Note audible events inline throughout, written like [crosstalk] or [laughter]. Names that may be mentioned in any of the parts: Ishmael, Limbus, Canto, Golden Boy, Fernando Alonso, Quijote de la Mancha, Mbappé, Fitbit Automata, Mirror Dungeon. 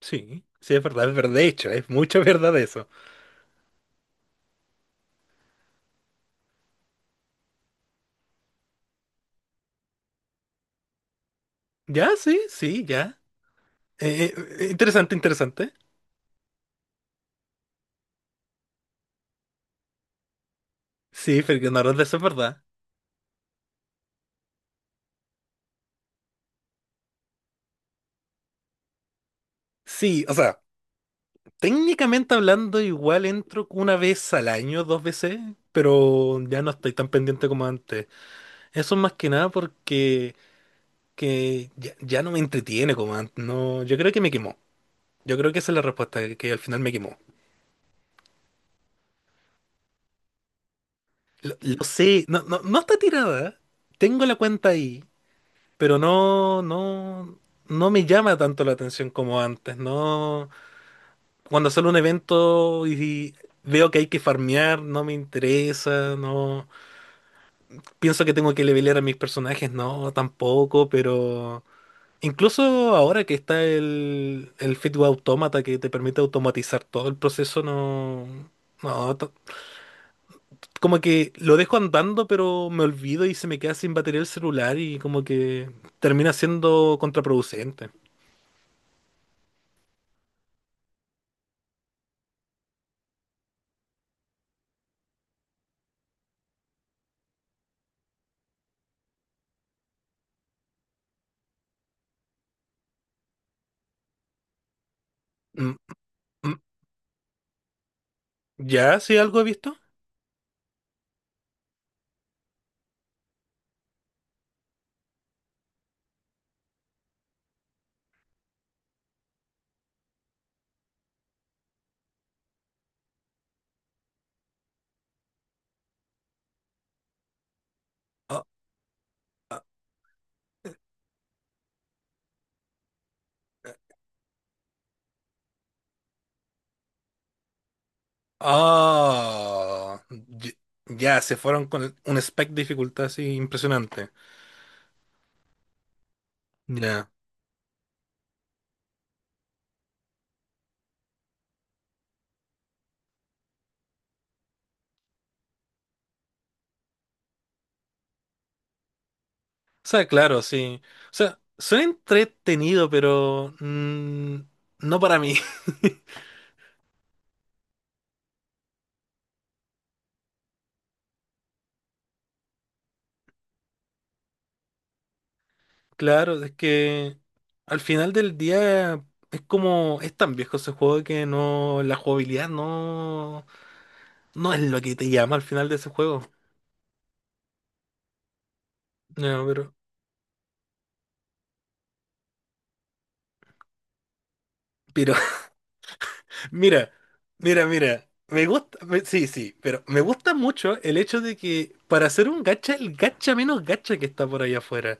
Sí, sí, es verdad, es verdad. De hecho, es mucha [laughs] verdad eso. Ya, sí, sí, ya. Eh, Interesante, interesante. Sí, Fernando Alonso, eso es verdad. Sí, o sea, técnicamente hablando, igual entro una vez al año, dos veces, pero ya no estoy tan pendiente como antes. Eso más que nada porque ya no me entretiene como antes. No, yo creo que me quemó. Yo creo que esa es la respuesta, que al final me quemó. Lo sé, no, no, no está tirada. Tengo la cuenta ahí, pero no, no, no me llama tanto la atención como antes. No, cuando sale un evento y veo que hay que farmear, no me interesa, no pienso que tengo que levelear a mis personajes, no, tampoco, pero incluso ahora que está el Fitbit Automata, que te permite automatizar todo el proceso. No, no, t- como que lo dejo andando, pero me olvido y se me queda sin batería el celular y como que termina siendo contraproducente. Mm. Mm. ¿Ya? ¿Sí algo he visto? Ah, ah, ah, ah. Ya, se fueron con un spec de dificultad así impresionante. Ya. O sea, claro, sí. O sea, suena entretenido, pero no para mí. [laughs] Claro, es que al final del día es como, es tan viejo ese juego que no, la jugabilidad no es lo que te llama al final de ese juego. No, pero... Mira, mira, mira. Me gusta, sí, sí, pero me gusta mucho el hecho de que, para hacer un gacha, el gacha menos gacha que está por ahí afuera.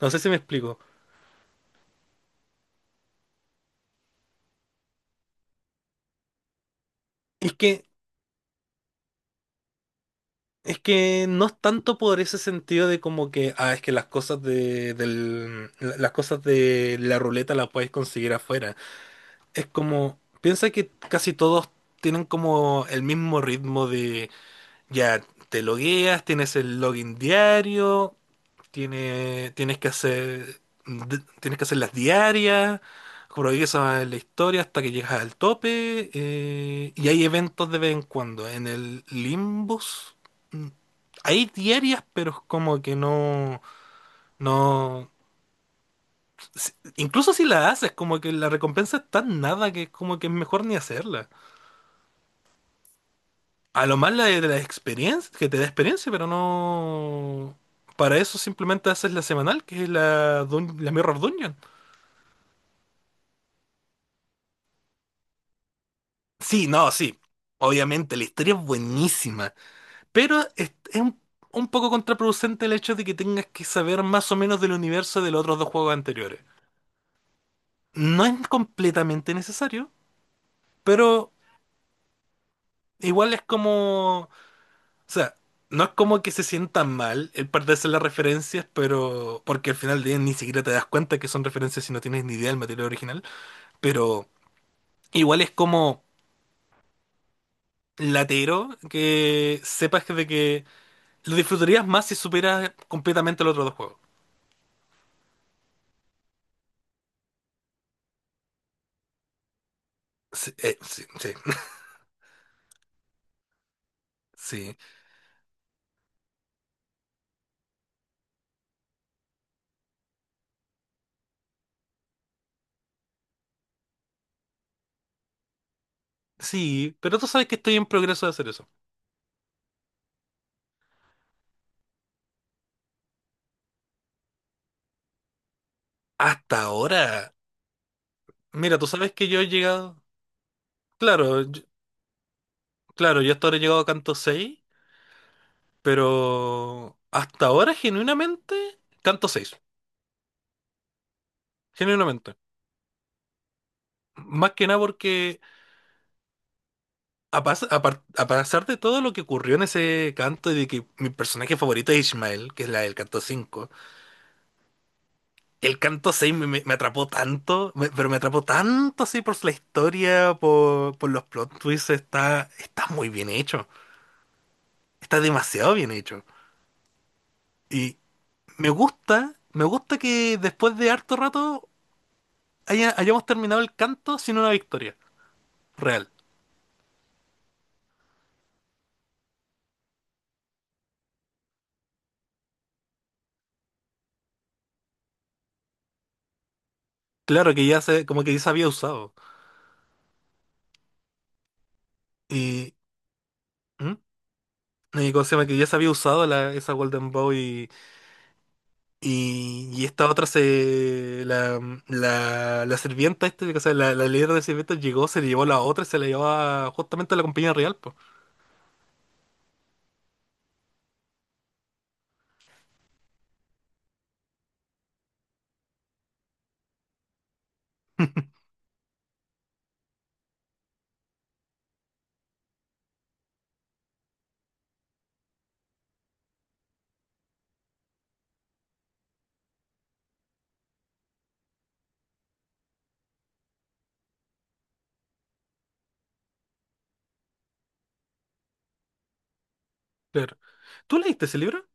No sé si me explico. Es que, es que no es tanto por ese sentido de como que, ah, es que las cosas las cosas de la ruleta las puedes conseguir afuera. Es como, piensa que casi todos tienen como el mismo ritmo de, ya, te logueas, tienes el login diario. Tienes que hacer, tienes que hacer las diarias, progresas en la historia hasta que llegas al tope, y hay eventos de vez en cuando. En el Limbus, mm, hay diarias, pero es como que no, no, incluso si la haces, como que la recompensa es tan nada que es como que es mejor ni hacerla. A lo más la de la experiencia, que te da experiencia, pero no, para eso simplemente haces la semanal, que es la Mirror Dungeon. Sí, no, sí. Obviamente, la historia es buenísima, pero es un poco contraproducente el hecho de que tengas que saber más o menos del universo de los otros dos juegos anteriores. No es completamente necesario, pero igual es como... O sea, no es como que se sienta mal el perderse las referencias, pero... Porque al final del día ni siquiera te das cuenta que son referencias si no tienes ni idea del material original, pero igual es como latero que sepas de que lo disfrutarías más si supieras completamente los otros dos juegos. Sí, sí, sí, [laughs] sí, sí, pero tú sabes que estoy en progreso de hacer eso. Hasta ahora, mira, tú sabes que yo he llegado, claro, claro, yo hasta ahora he llegado a Canto seis, pero hasta ahora, genuinamente, Canto seis, genuinamente. Más que nada porque, a, pas- a par- a pesar de todo lo que ocurrió en ese canto y de que mi personaje favorito es Ishmael, que es la del Canto cinco. El canto seis me atrapó tanto, pero me atrapó tanto así por la historia, por los plot twists. Está, está muy bien hecho, está demasiado bien hecho. Y me gusta que, después de harto rato, hayamos terminado el canto sin una victoria real. Claro que ya se, como que ya se había usado. Y, ¿mm? Y como se llama, que ya se había usado esa Golden Boy. Y esta otra se... La sirvienta, o sea, la líder de sirvientas llegó, se llevó la otra y se la llevó justamente a la compañía real, pues. [laughs] Claro. ¿Tú leíste ese libro?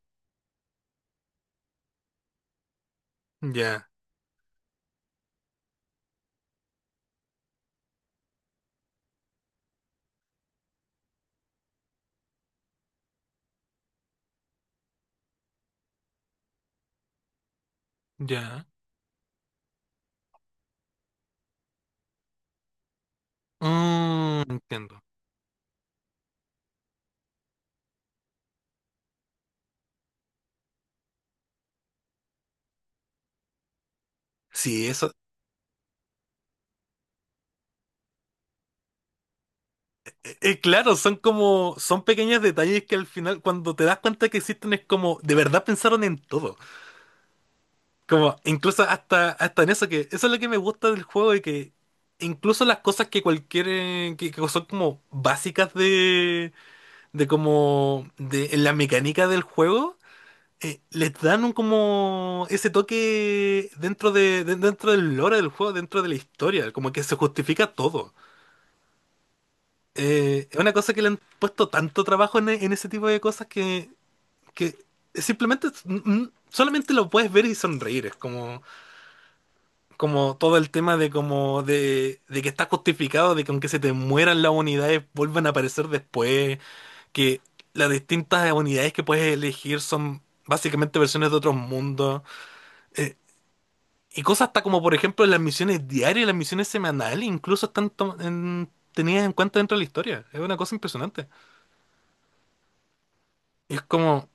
Ya, ya. Mm, entiendo. Sí, eso. Claro, son como... Son pequeños detalles que, al final, cuando te das cuenta que existen, es como... De verdad pensaron en todo. Como, incluso hasta en eso, que eso es lo que me gusta del juego, y que incluso las cosas que cualquier, que son como básicas de, de en la mecánica del juego, les dan un como ese toque dentro dentro del lore del juego, dentro de la historia, como que se justifica todo. Es una cosa que le han puesto tanto trabajo en, en ese tipo de cosas, que, simplemente, solamente lo puedes ver y sonreír. Es como... Como todo el tema de como de que está justificado de que, aunque se te mueran las unidades, vuelvan a aparecer después, que las distintas unidades que puedes elegir son básicamente versiones de otros mundos. eh, y cosas hasta como, por ejemplo, las misiones diarias, las misiones semanales, incluso están tenidas en cuenta dentro de la historia. Es una cosa impresionante. Y es como...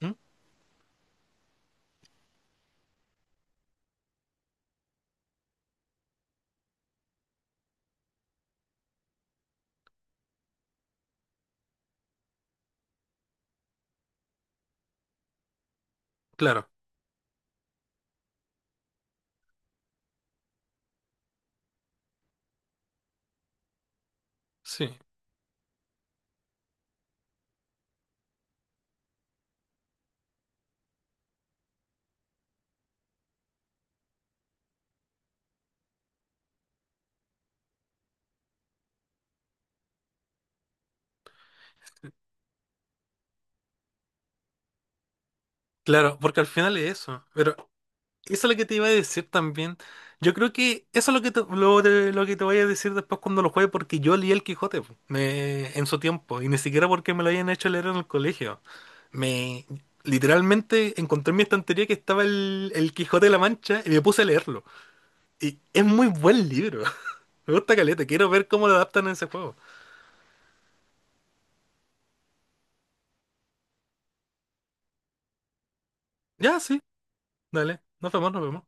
¿Mm? Claro, sí. Claro, porque al final es eso. Pero eso es lo que te iba a decir también. Yo creo que eso es lo que lo que te voy a decir después, cuando lo juegue, porque yo leí el Quijote po, en su tiempo, y ni siquiera porque me lo hayan hecho leer en el colegio. Me literalmente encontré en mi estantería que estaba el Quijote de la Mancha y me puse a leerlo. Y es muy buen libro. [laughs] Me gusta caleta, quiero ver cómo lo adaptan en ese juego. Ya, sí, dale, nos vemos, nos vemos.